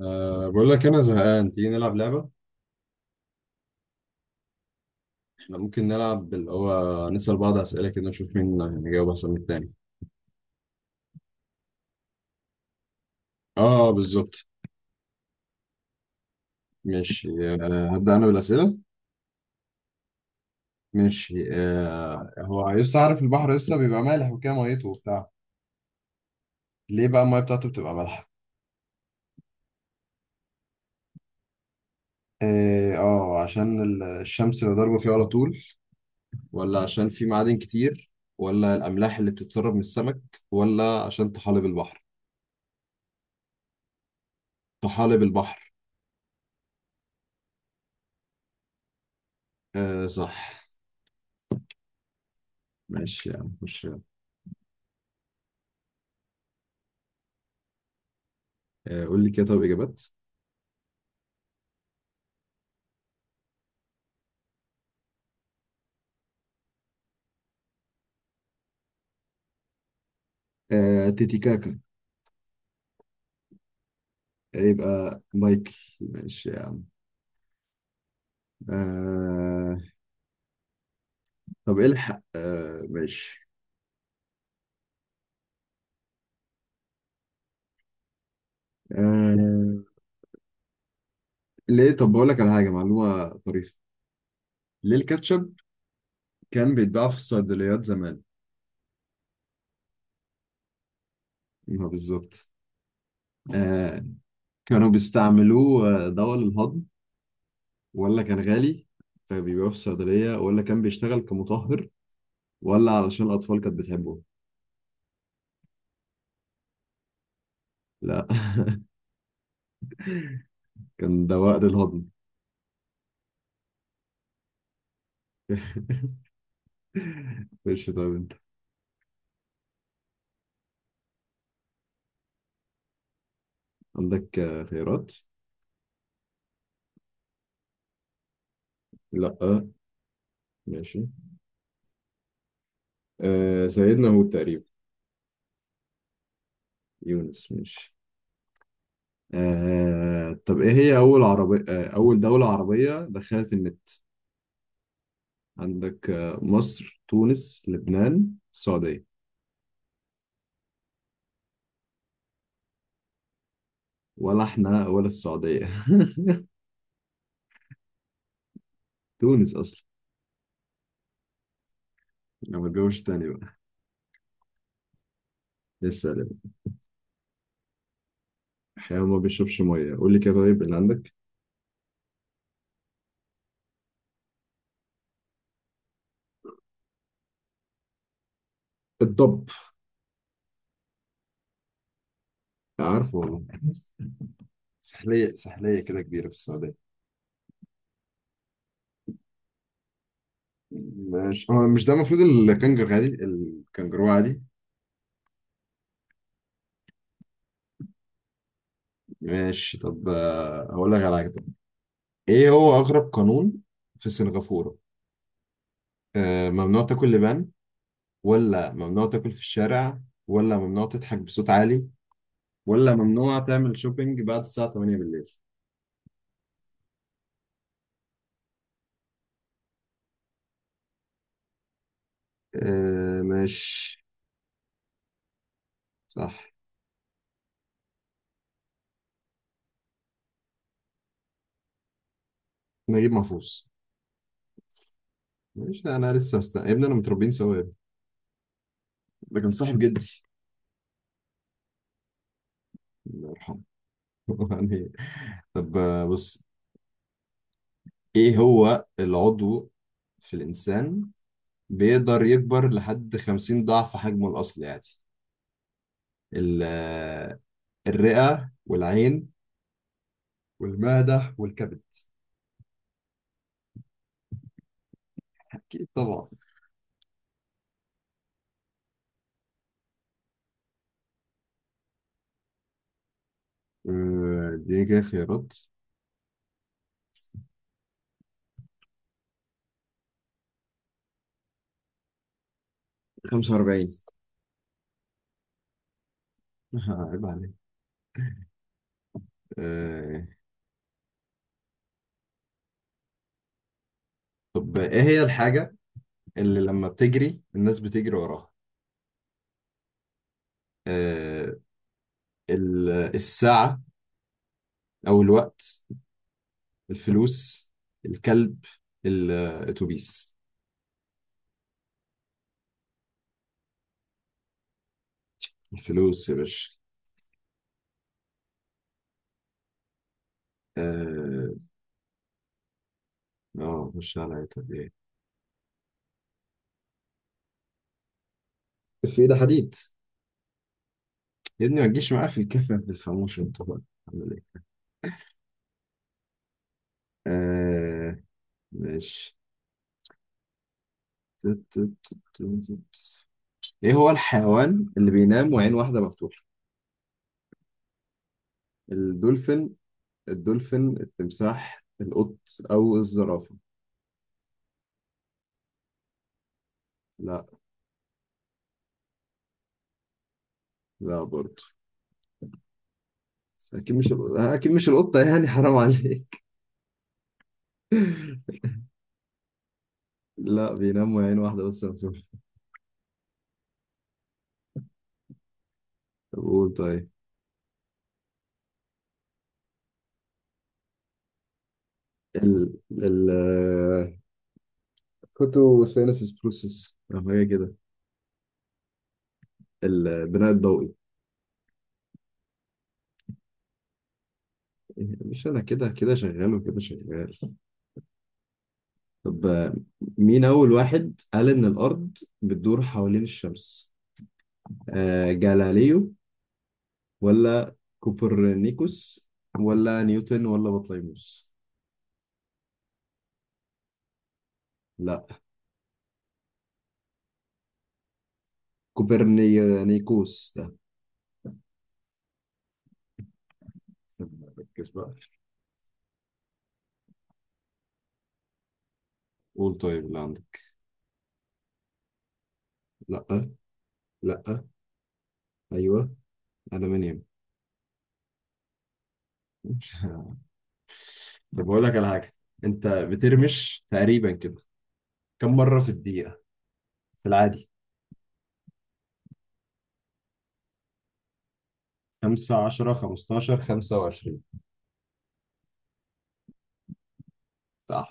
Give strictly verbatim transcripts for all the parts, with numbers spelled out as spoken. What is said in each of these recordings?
أه بقول لك أنا زهقان، تيجي نلعب لعبة. إحنا ممكن نلعب اللي هو نسأل بعض أسئلة كده نشوف مين هيجاوب أحسن من التاني. آه بالظبط. ماشي. أه هبدأ أنا بالأسئلة. ماشي. أه هو يسطا عارف البحر يسطا بيبقى مالح وكده ميته وبتاع. ليه بقى المية بتاعته بتبقى مالحة؟ آه, آه عشان ال- الشمس اللي ضاربة فيه على طول، ولا عشان في معادن كتير، ولا الأملاح اللي بتتسرب من السمك، ولا عشان طحالب البحر. طحالب البحر. آه صح. ماشي يا عم خش. آه، قول لي كده طب إجابات. آه، تيتيكاكا. آه، يبقى مايكل. ماشي يا عم. آه. طب الحق، آه، ماشي. آه. ليه طب بقول لك على حاجة معلومة طريفة. ليه الكاتشب كان بيتباع في الصيدليات زمان؟ ما بالظبط. آه، كانوا بيستعملوه آه، دواء للهضم، ولا كان غالي فبيبيعوه في الصيدلية، ولا كان بيشتغل كمطهر، ولا علشان الأطفال كانت بتحبه. لا. كان دواء للهضم. ماشي طيب. عندك آه، خيارات. لا. ماشي. آه سيدنا هود تقريبا. يونس ماشي. آه طب ايه هي اول عربية، آه اول دولة عربية دخلت النت. عندك آه مصر، تونس، لبنان، السعودية. ولا احنا ولا السعودية. تونس اصلا. انا ما اتجوزش تاني بقى. لسه سلام. حيوان ما بيشربش ميه، قول لي كده طيب اللي عندك. الضب. عارفه والله. سحلية سحلية كده كبيرة في السعودية. ماشي. هو مش ده المفروض الكنجر عادي، الكنجرو عادي. ماشي. طب آه، هقول لك على حاجة. طب ايه هو اغرب قانون في سنغافورة؟ آه، ممنوع تاكل لبان، ولا ممنوع تاكل في الشارع، ولا ممنوع تضحك بصوت عالي، ولا ممنوع تعمل شوبينج بعد الساعة ثمانية بالليل. آه، ماشي. صح. نجيب محفوظ. ماشي. انا لسه هست... يا ابني انا متربيين سوا يا ابني. ده كان صاحب جدي. الله يرحمه. يعني. طب آه، بص، ايه هو العضو في الانسان بيقدر يكبر لحد خمسين ضعف حجمه الاصلي يعني؟ ال- الرئة والعين والمعدة والكبد. أكيد طبعا. آه، دي كده خيارات. خمسة وأربعين. عيب عليك. آه، طب إيه هي الحاجة اللي لما بتجري الناس بتجري وراها؟ آه، ال- الساعة أو الوقت، الفلوس، الكلب، الأتوبيس. الفلوس يا باشا. اه. آه، خش عليا. طب ايه؟ في ده حديد. يا ابني ما تجيش معايا في الكفن في الفاموشن طبعا. آه. ماشي. تت- تت- تت- تت- ايه هو الحيوان اللي بينام وعين واحدة مفتوحة؟ الدولفين، الدولفين، التمساح، القط، او الزرافة. لا. لا برضه. بس اكيد مش، اكيد مش القطة يعني، حرام عليك. لا، بينام وعين واحدة بس مفتوحة. طب قول طيب. ال ال كوتو سينسس بروسس او حاجة كده. البناء الضوئي. إيه، مش انا كده كده شغال وكده شغال. طب آه، مين أول واحد قال إن الأرض بتدور حوالين الشمس؟ آه جاليليو، ولا كوبرنيكوس، ولا نيوتن، ولا بطليموس؟ لا، كوبرنيكوس ده. طب ركز بقى. قول طيب اللي عندك. لا. لا. أيوه. ألمنيوم. مش- طب بقول لك على حاجة. أنت بترمش تقريبا كده كم مرة في الدقيقة في العادي؟ خمسة، عشرة، خمسة عشر، خمسة وعشرين. صح.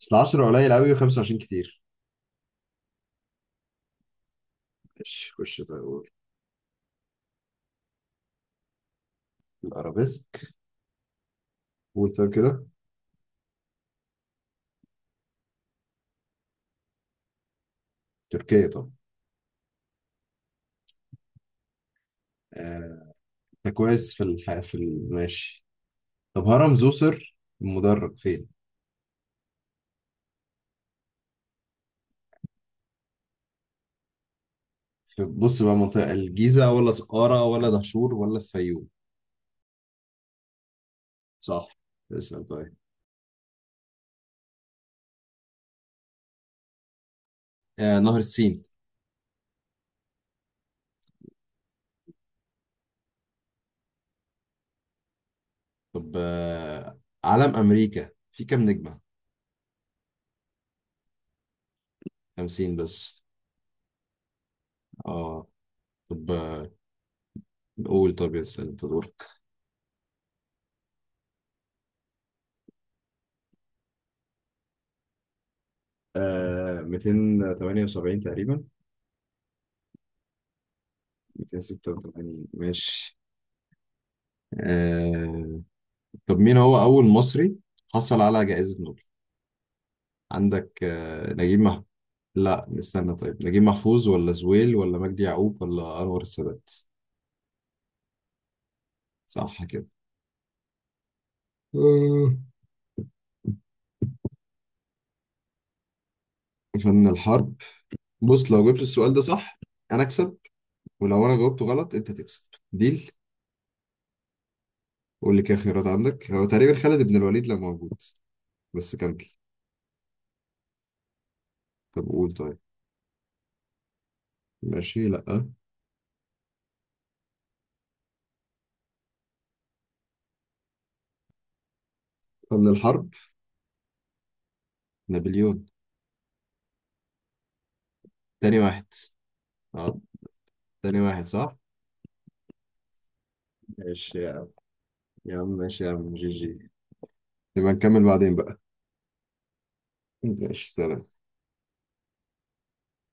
بس عشرة قليل قوي وخمسة وعشرين كتير. ماشي. خش طيب قول. الارابيسك. قول طيب كده. تركيا طبعا. آه، انت كويس في الح... في ال... ماشي. طب هرم زوسر المدرج فين؟ في بص بقى منطقة الجيزة، ولا سقارة، ولا دهشور، ولا الفيوم. صح. اسأل طيب. آه نهر السين. طب آه علم أمريكا في كام نجمة؟ خمسين بس. اه. طب آه. قول طب. اسأل انت دورك. آه مئتين وثمانية وسبعين تقريبا. مئتين وستة وثمانين ماشي. آه، طب مين هو أول مصري حصل على جائزة نوبل؟ عندك آه، نجيب محفوظ. لا استنى، طيب نجيب محفوظ، ولا زويل، ولا مجدي يعقوب، ولا أنور السادات. صح كده. آه، فن الحرب. بص لو جبت السؤال ده صح أنا أكسب، ولو أنا جاوبته غلط أنت تكسب. ديل. قول لي كده خيارات. عندك هو تقريبا خالد بن الوليد لو موجود. بس كمل. طب قول طيب. ماشي لأ. فن الحرب. نابليون. تاني واحد. اه. تاني واحد صح؟ ماشي يا عم. يا عم ماشي يا عم جي جي. نبقى نكمل بعدين بقى. ماشي سلام.